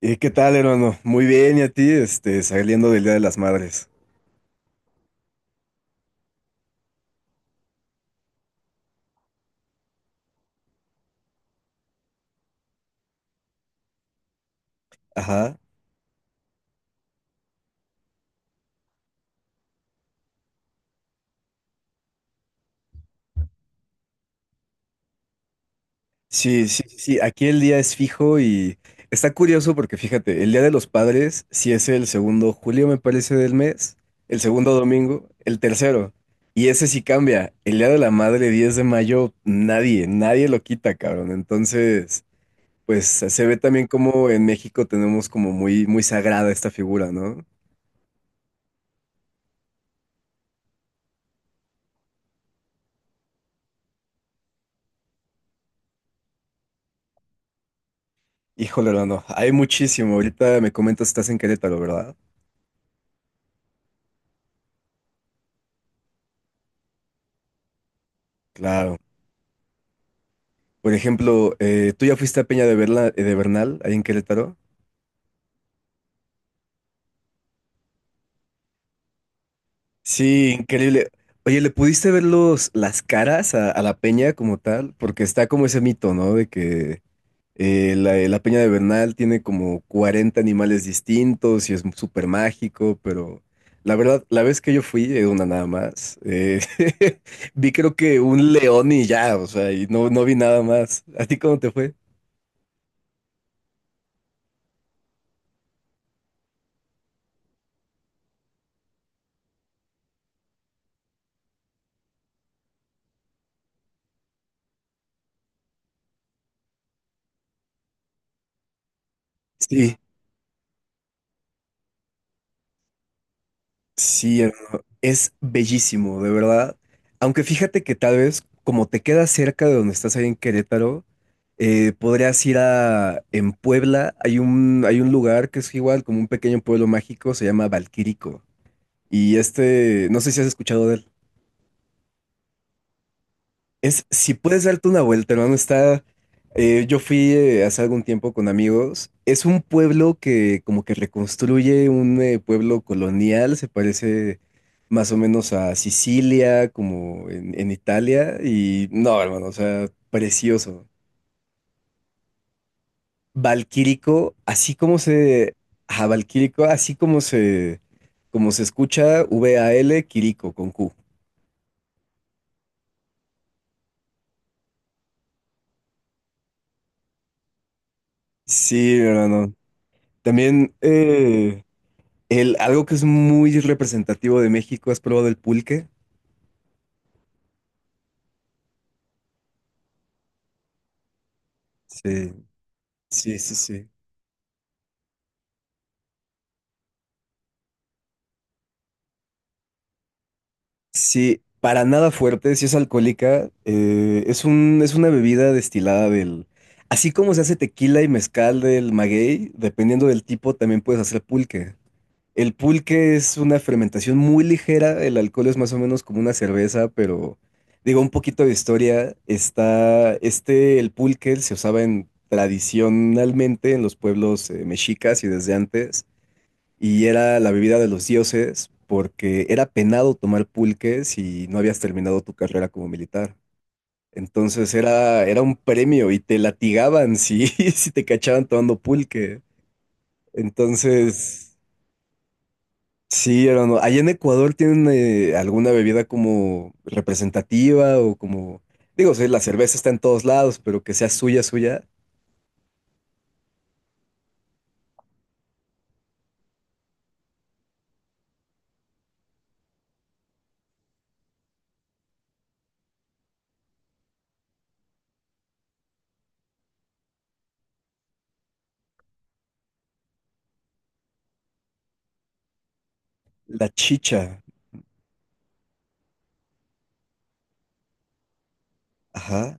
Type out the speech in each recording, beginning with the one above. ¿Y qué tal, hermano? Muy bien, ¿y a ti? Saliendo del Día de las Madres. Ajá. Sí, sí, sí, sí, aquí el día es fijo y está curioso porque fíjate, el Día de los Padres, sí es el segundo julio, me parece, del mes, el segundo domingo, el tercero, y ese sí cambia. El Día de la Madre, 10 de mayo, nadie, nadie lo quita, cabrón. Entonces, pues se ve también como en México tenemos como muy, muy sagrada esta figura, ¿no? Híjole, hermano, hay muchísimo. Ahorita me comentas, estás en Querétaro, ¿verdad? Claro. Por ejemplo, ¿tú ya fuiste a Peña de Bernal, ahí en Querétaro? Sí, increíble. Oye, ¿le pudiste ver los, las caras a la Peña como tal? Porque está como ese mito, ¿no? De que la Peña de Bernal tiene como 40 animales distintos y es súper mágico, pero la verdad, la vez que yo fui, una nada más, vi creo que un león y ya, o sea, y no, no vi nada más. ¿A ti cómo te fue? Sí. Sí, hermano, es bellísimo, de verdad. Aunque fíjate que tal vez como te quedas cerca de donde estás ahí en Querétaro, podrías ir a... En Puebla hay un lugar que es igual como un pequeño pueblo mágico, se llama Valquírico. Y este, no sé si has escuchado de él. Es, si puedes darte una vuelta, hermano, está... yo fui hace algún tiempo con amigos. Es un pueblo que como que reconstruye un pueblo colonial, se parece más o menos a Sicilia, como en Italia. Y no, hermano, o sea, precioso. Valquírico, así como se... Ajá, Valquírico, así como se... Como se escucha, Val, Quirico, con Q. Sí, hermano. También... algo que es muy representativo de México, ¿has probado el pulque? Sí, sí, sí, sí. Sí, para nada fuerte, si es alcohólica, es una bebida destilada del... Así como se hace tequila y mezcal del maguey, dependiendo del tipo, también puedes hacer pulque. El pulque es una fermentación muy ligera, el alcohol es más o menos como una cerveza, pero digo, un poquito de historia, está, este, el pulque se usaba en, tradicionalmente en los pueblos mexicas y desde antes, y era la bebida de los dioses porque era penado tomar pulque si no habías terminado tu carrera como militar. Entonces era un premio y te latigaban si, si te cachaban tomando pulque. Entonces... Sí, hermano. Allá en Ecuador tienen alguna bebida como representativa o como, digo, sí, la cerveza está en todos lados, pero que sea suya, suya. La chicha. Ajá.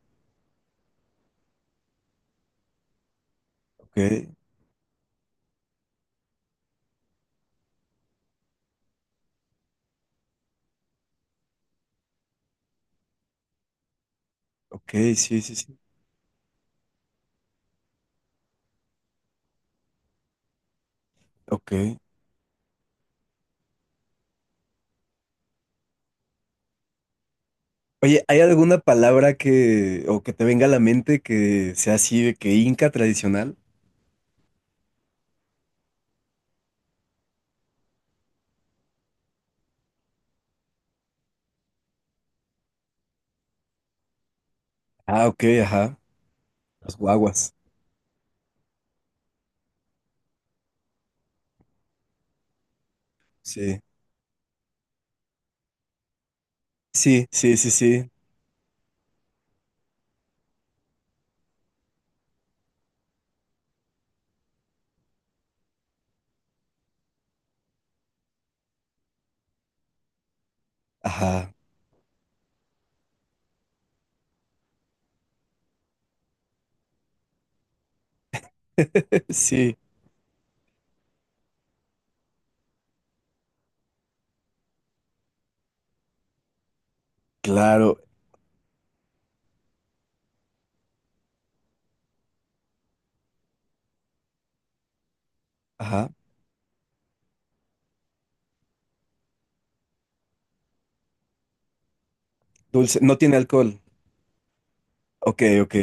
Ok. Ok, sí, sí, sí. Ok. Oye, ¿hay alguna palabra que, o que te venga a la mente que sea así de que inca tradicional? Ah, ok, ajá. Las guaguas. Sí. Sí, sí, sí, sí. Ajá. Sí, claro. Ajá. Dulce. No tiene alcohol. Ok, ok.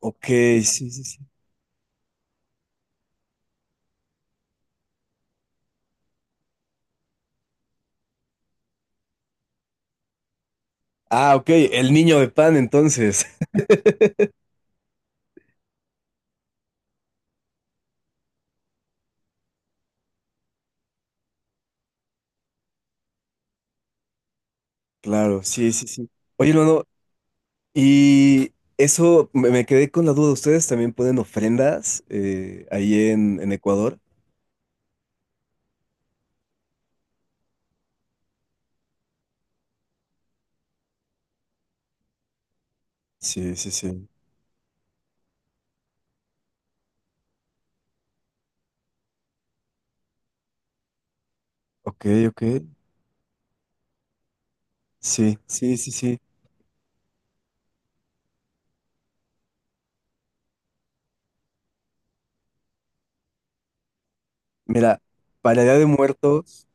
Ok, sí, sí, sí. Ah, ok, el niño de pan, entonces. Claro, sí, sí, sí. Oye, no, no, y eso me quedé con la duda. ¿Ustedes también ponen ofrendas ahí en Ecuador? Sí, sí, sí. Ok, ok. Sí, sí, sí, sí. Mira, para Día de Muertos,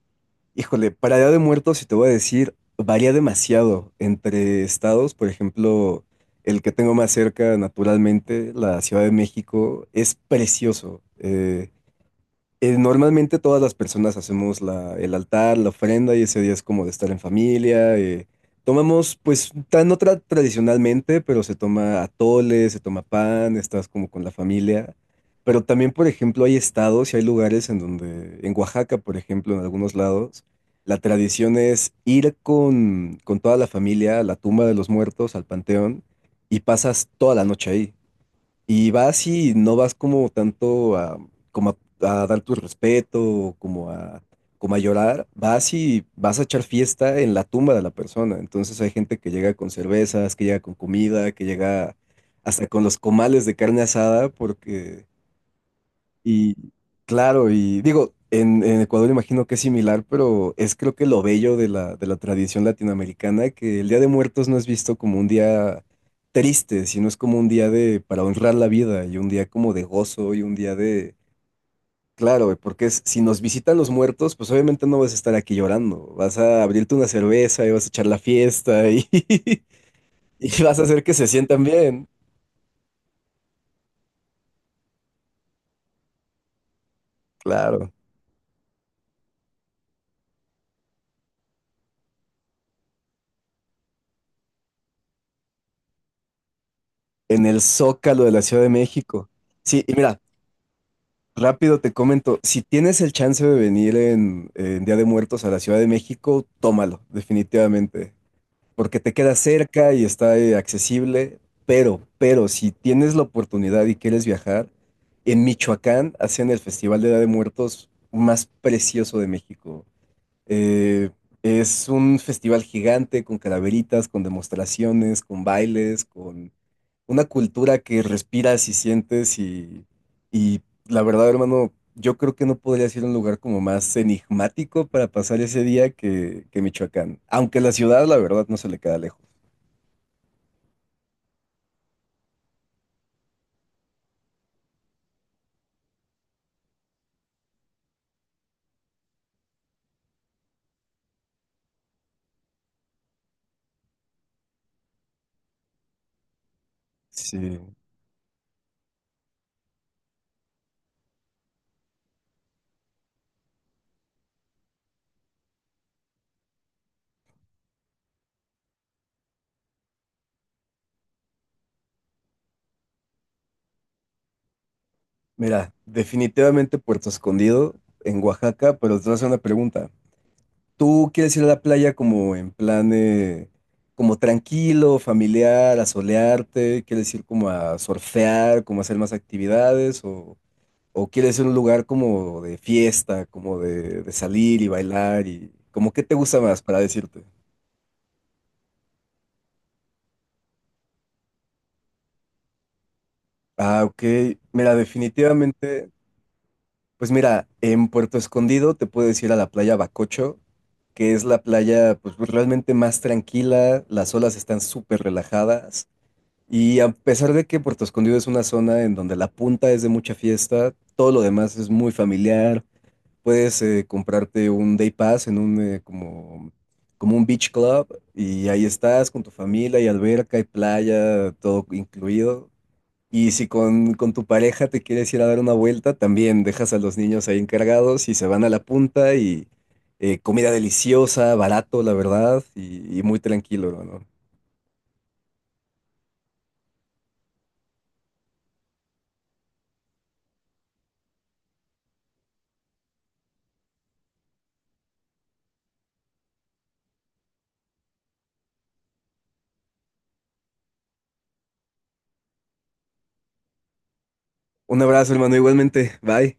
híjole, para Día de Muertos, si te voy a decir, varía demasiado entre estados. Por ejemplo, el que tengo más cerca, naturalmente, la Ciudad de México, es precioso. Normalmente todas las personas hacemos el altar, la ofrenda y ese día es como de estar en familia. Tomamos, pues, tan no tradicionalmente, pero se toma atole, se toma pan, estás como con la familia. Pero también, por ejemplo, hay estados y hay lugares en donde, en Oaxaca, por ejemplo, en algunos lados, la tradición es ir con toda la familia a la tumba de los muertos, al panteón, y pasas toda la noche ahí. Y vas y no vas como tanto a, como a dar tu respeto, o como a llorar, vas y vas a echar fiesta en la tumba de la persona. Entonces hay gente que llega con cervezas, que llega con comida, que llega hasta con los comales de carne asada, porque y claro, y digo, en Ecuador imagino que es similar, pero es creo que lo bello de la tradición latinoamericana, que el Día de Muertos no es visto como un día triste, sino es como un día de para honrar la vida y un día como de gozo y un día de, claro, porque si nos visitan los muertos, pues obviamente no vas a estar aquí llorando, vas a abrirte una cerveza y vas a echar la fiesta y, y vas a hacer que se sientan bien, claro, en el Zócalo de la Ciudad de México. Sí, y mira. Rápido te comento, si tienes el chance de venir en Día de Muertos a la Ciudad de México, tómalo, definitivamente, porque te queda cerca y está accesible, pero si tienes la oportunidad y quieres viajar, en Michoacán hacen el Festival de Día de Muertos más precioso de México. Eh, es un festival gigante con calaveritas, con demostraciones, con bailes, con una cultura que respiras y sientes y la verdad, hermano, yo creo que no podría ser un lugar como más enigmático para pasar ese día que Michoacán, aunque la ciudad, la verdad, no se le queda lejos. Sí, mira, definitivamente Puerto Escondido en Oaxaca, pero te voy a hacer una pregunta. ¿Tú quieres ir a la playa como en plan, como tranquilo, familiar, a solearte? ¿Quieres ir como a surfear, como a hacer más actividades? ¿O quieres ir a un lugar como de fiesta, como de salir y bailar y como qué te gusta más para decirte? Ah, ok. Mira, definitivamente, pues mira, en Puerto Escondido te puedes ir a la playa Bacocho, que es la playa pues realmente más tranquila, las olas están súper relajadas y a pesar de que Puerto Escondido es una zona en donde la punta es de mucha fiesta, todo lo demás es muy familiar. Puedes comprarte un day pass en un como un beach club y ahí estás con tu familia, y alberca, y playa, todo incluido. Y si con tu pareja te quieres ir a dar una vuelta, también dejas a los niños ahí encargados y se van a la punta y comida deliciosa, barato, la verdad, y muy tranquilo, hermano. Un abrazo, hermano, igualmente. Bye.